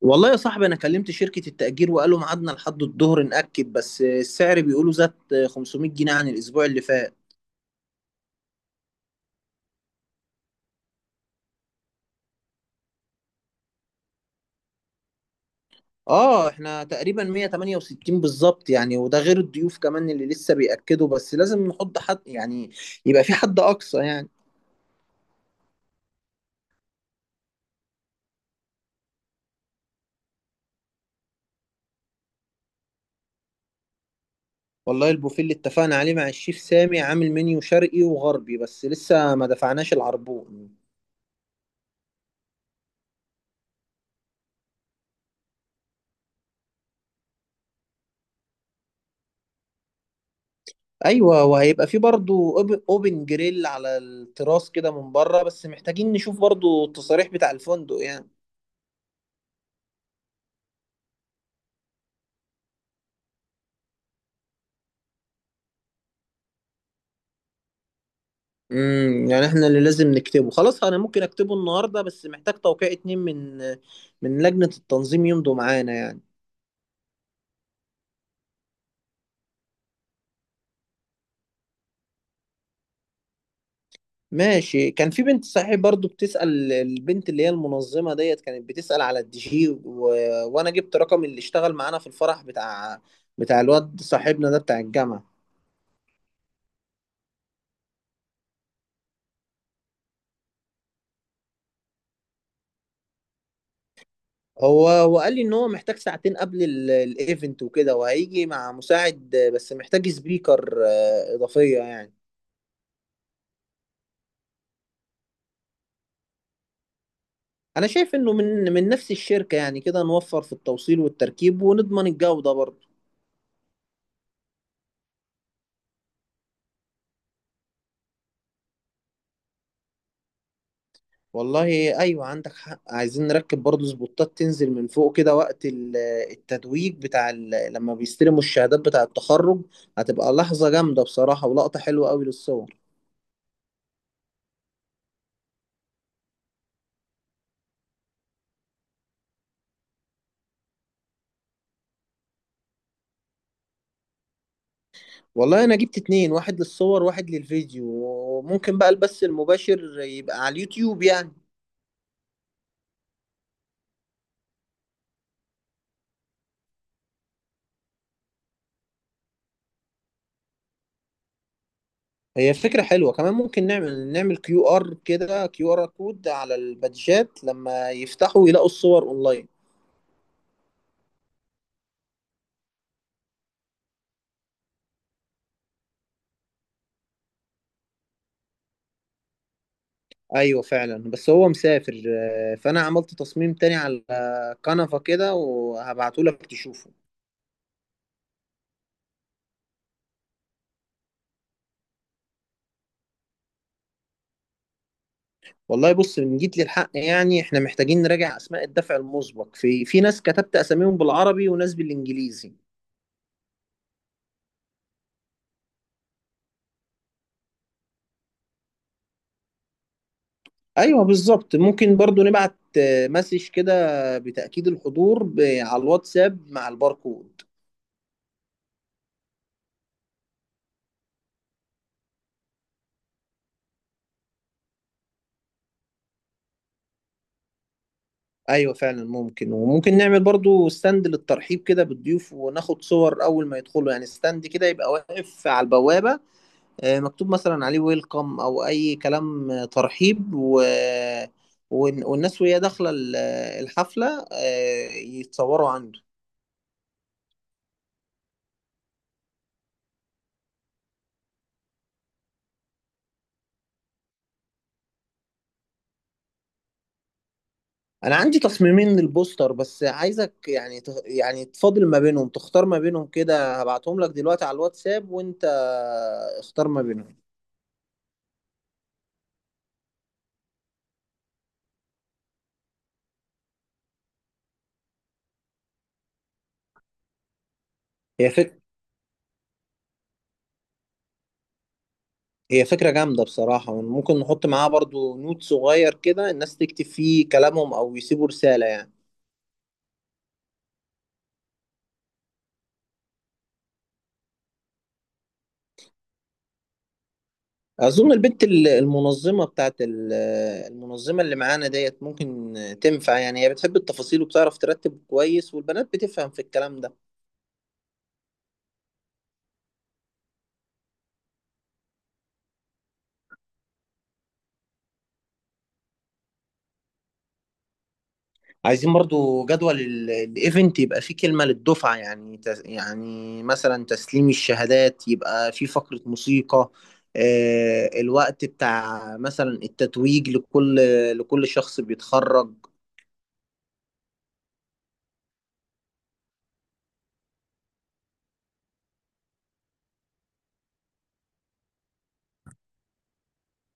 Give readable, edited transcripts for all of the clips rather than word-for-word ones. والله يا صاحبي، انا كلمت شركة التأجير وقالوا ميعادنا لحد الظهر نأكد، بس السعر بيقولوا زاد 500 جنيه عن الاسبوع اللي فات. اه، احنا تقريبا 168 بالظبط يعني، وده غير الضيوف كمان اللي لسه بيأكدوا، بس لازم نحط حد يعني يبقى في حد اقصى يعني. والله البوفيه اللي اتفقنا عليه مع الشيف سامي عامل منيو شرقي وغربي، بس لسه ما دفعناش العربون. ايوه، وهيبقى في برضه اوبن جريل على التراس كده من بره، بس محتاجين نشوف برضه التصاريح بتاع الفندق يعني. يعني احنا اللي لازم نكتبه. خلاص، انا ممكن اكتبه النهارده، بس محتاج توقيع اتنين من لجنة التنظيم يمضوا معانا يعني. ماشي، كان في بنت صحيح برضو بتسأل، البنت اللي هي المنظمة ديت كانت بتسأل على الDJ وانا جبت رقم اللي اشتغل معانا في الفرح بتاع الواد صاحبنا ده بتاع الجامعة. هو وقال لي ان هو محتاج ساعتين قبل الايفنت وكده، وهيجي مع مساعد بس محتاج سبيكر اضافية يعني. انا شايف انه من نفس الشركة، يعني كده نوفر في التوصيل والتركيب ونضمن الجودة برضه. والله ايوه عندك حق، عايزين نركب برضه سبوتات تنزل من فوق كده وقت التتويج بتاع لما بيستلموا الشهادات بتاع التخرج. هتبقى لحظة جامدة بصراحة ولقطة حلوة قوي للصور. والله انا جبت اتنين، واحد للصور واحد للفيديو، وممكن بقى البث المباشر يبقى على اليوتيوب يعني. هي فكرة حلوة كمان، ممكن نعمل QR كده، QR كود على البادجات لما يفتحوا يلاقوا الصور اونلاين. ايوه فعلا، بس هو مسافر، فانا عملت تصميم تاني على كنفة كده وهبعته لك تشوفه. والله بص، من جيت للحق يعني احنا محتاجين نراجع اسماء الدفع المسبق، في ناس كتبت اساميهم بالعربي وناس بالانجليزي. ايوه بالظبط، ممكن برضو نبعت مسج كده بتأكيد الحضور على الواتساب مع الباركود. ايوه فعلا ممكن، وممكن نعمل برضو ستاند للترحيب كده بالضيوف، وناخد صور اول ما يدخلوا يعني. ستاند كده يبقى واقف على البوابة، مكتوب مثلا عليه ويلكم او اي كلام ترحيب، والناس وهي داخلة الحفلة يتصوروا عنده. انا عندي تصميمين للبوستر، بس عايزك يعني يعني تفاضل ما بينهم، تختار ما بينهم كده، هبعتهم لك دلوقتي على الواتساب وانت اختار ما بينهم. هي فكرة هي فكرة جامدة بصراحة، ممكن نحط معاها برضو نوت صغير كده، الناس تكتب فيه كلامهم أو يسيبوا رسالة يعني. أظن البنت المنظمة المنظمة اللي معانا ديت ممكن تنفع يعني، هي بتحب التفاصيل وبتعرف ترتب كويس، والبنات بتفهم في الكلام ده. عايزين برضو جدول الايفنت يبقى فيه كلمة للدفعة يعني، يعني مثلا تسليم الشهادات، يبقى فيه فقرة موسيقى، الوقت بتاع مثلا التتويج لكل شخص بيتخرج.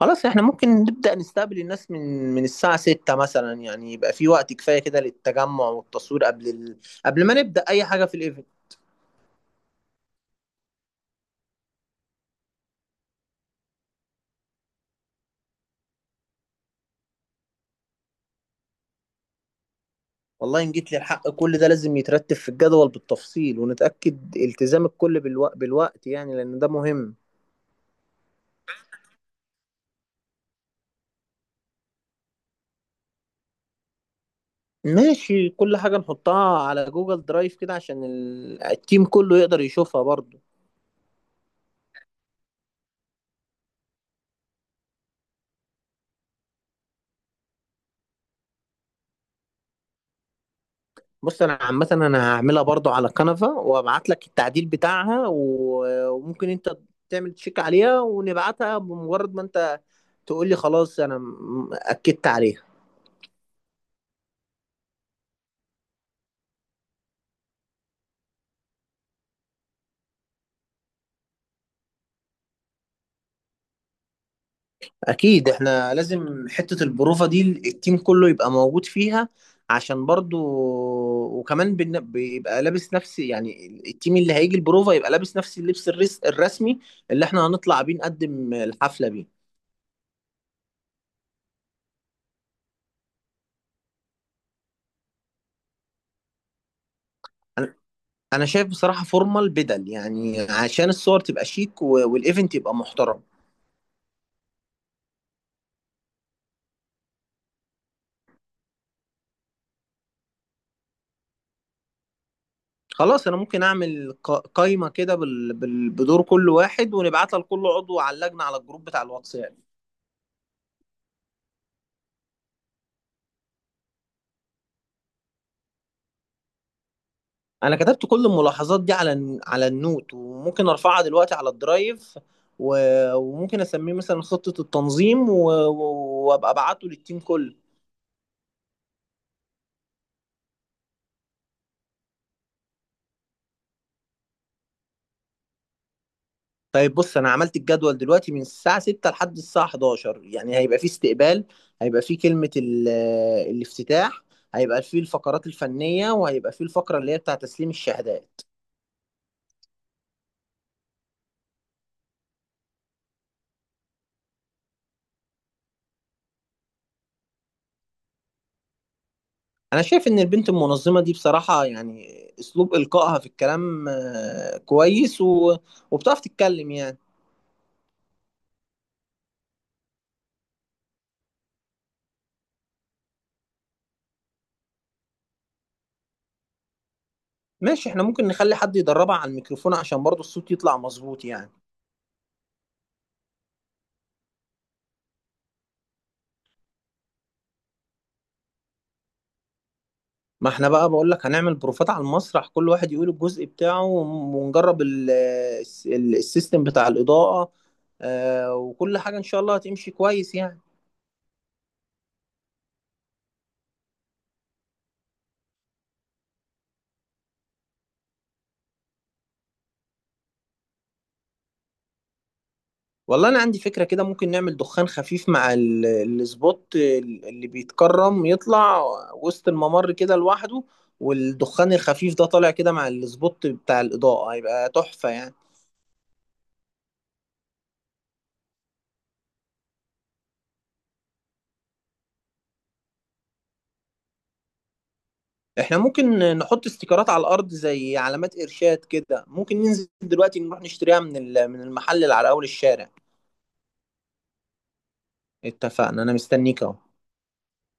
خلاص، احنا ممكن نبدأ نستقبل الناس من الساعة 6 مثلا يعني، يبقى في وقت كفاية كده للتجمع والتصوير قبل قبل ما نبدأ أي حاجة في الايفنت. والله إن جيت للحق كل ده لازم يترتب في الجدول بالتفصيل، ونتأكد التزام الكل بالوقت يعني لأن ده مهم. ماشي، كل حاجة نحطها على جوجل درايف كده عشان التيم كله يقدر يشوفها برضو. بص، انا عامة انا هعملها برضو على كنفة وابعت لك التعديل بتاعها وممكن انت تعمل تشيك عليها، ونبعتها بمجرد ما انت تقول لي خلاص انا اكدت عليها. اكيد، احنا لازم حتة البروفة دي التيم كله يبقى موجود فيها عشان برضو. وكمان بيبقى لابس نفس يعني، التيم اللي هيجي البروفة يبقى لابس نفس اللبس الرسمي اللي احنا هنطلع بيه نقدم الحفلة بيه. انا أنا شايف بصراحة فورمال بدل يعني، عشان الصور تبقى شيك والايفنت يبقى محترم. خلاص، انا ممكن اعمل قايمة كده بدور كل واحد، ونبعتها لكل عضو على اللجنة على الجروب بتاع الواتساب. انا كتبت كل الملاحظات دي على النوت، وممكن ارفعها دلوقتي على الدرايف وممكن اسميه مثلا خطة التنظيم وابقى ابعته للتيم كله. طيب بص، انا عملت الجدول دلوقتي من الساعة 6 لحد الساعة 11 يعني. هيبقى فيه استقبال، هيبقى فيه كلمة الافتتاح، هيبقى فيه الفقرات الفنية، وهيبقى فيه الفقرة اللي هي بتاع تسليم الشهادات. انا شايف ان البنت المنظمة دي بصراحة يعني، اسلوب القائها في الكلام كويس وبتعرف تتكلم يعني. ماشي، احنا ممكن نخلي حد يدربها على الميكروفون عشان برضو الصوت يطلع مظبوط يعني. ما احنا بقى بقول لك، هنعمل بروفات على المسرح كل واحد يقول الجزء بتاعه، ونجرب السيستم بتاع الإضاءة، وكل حاجة ان شاء الله هتمشي كويس يعني. والله انا عندي فكرة كده، ممكن نعمل دخان خفيف مع السبوت اللي بيتكرم يطلع وسط الممر كده لوحده، والدخان الخفيف ده طالع كده مع السبوت بتاع الإضاءة هيبقى تحفة يعني. احنا ممكن نحط استيكرات على الارض زي علامات ارشاد كده، ممكن ننزل دلوقتي نروح نشتريها من المحل اللي على اول الشارع. اتفقنا. انا مستنيك اهو.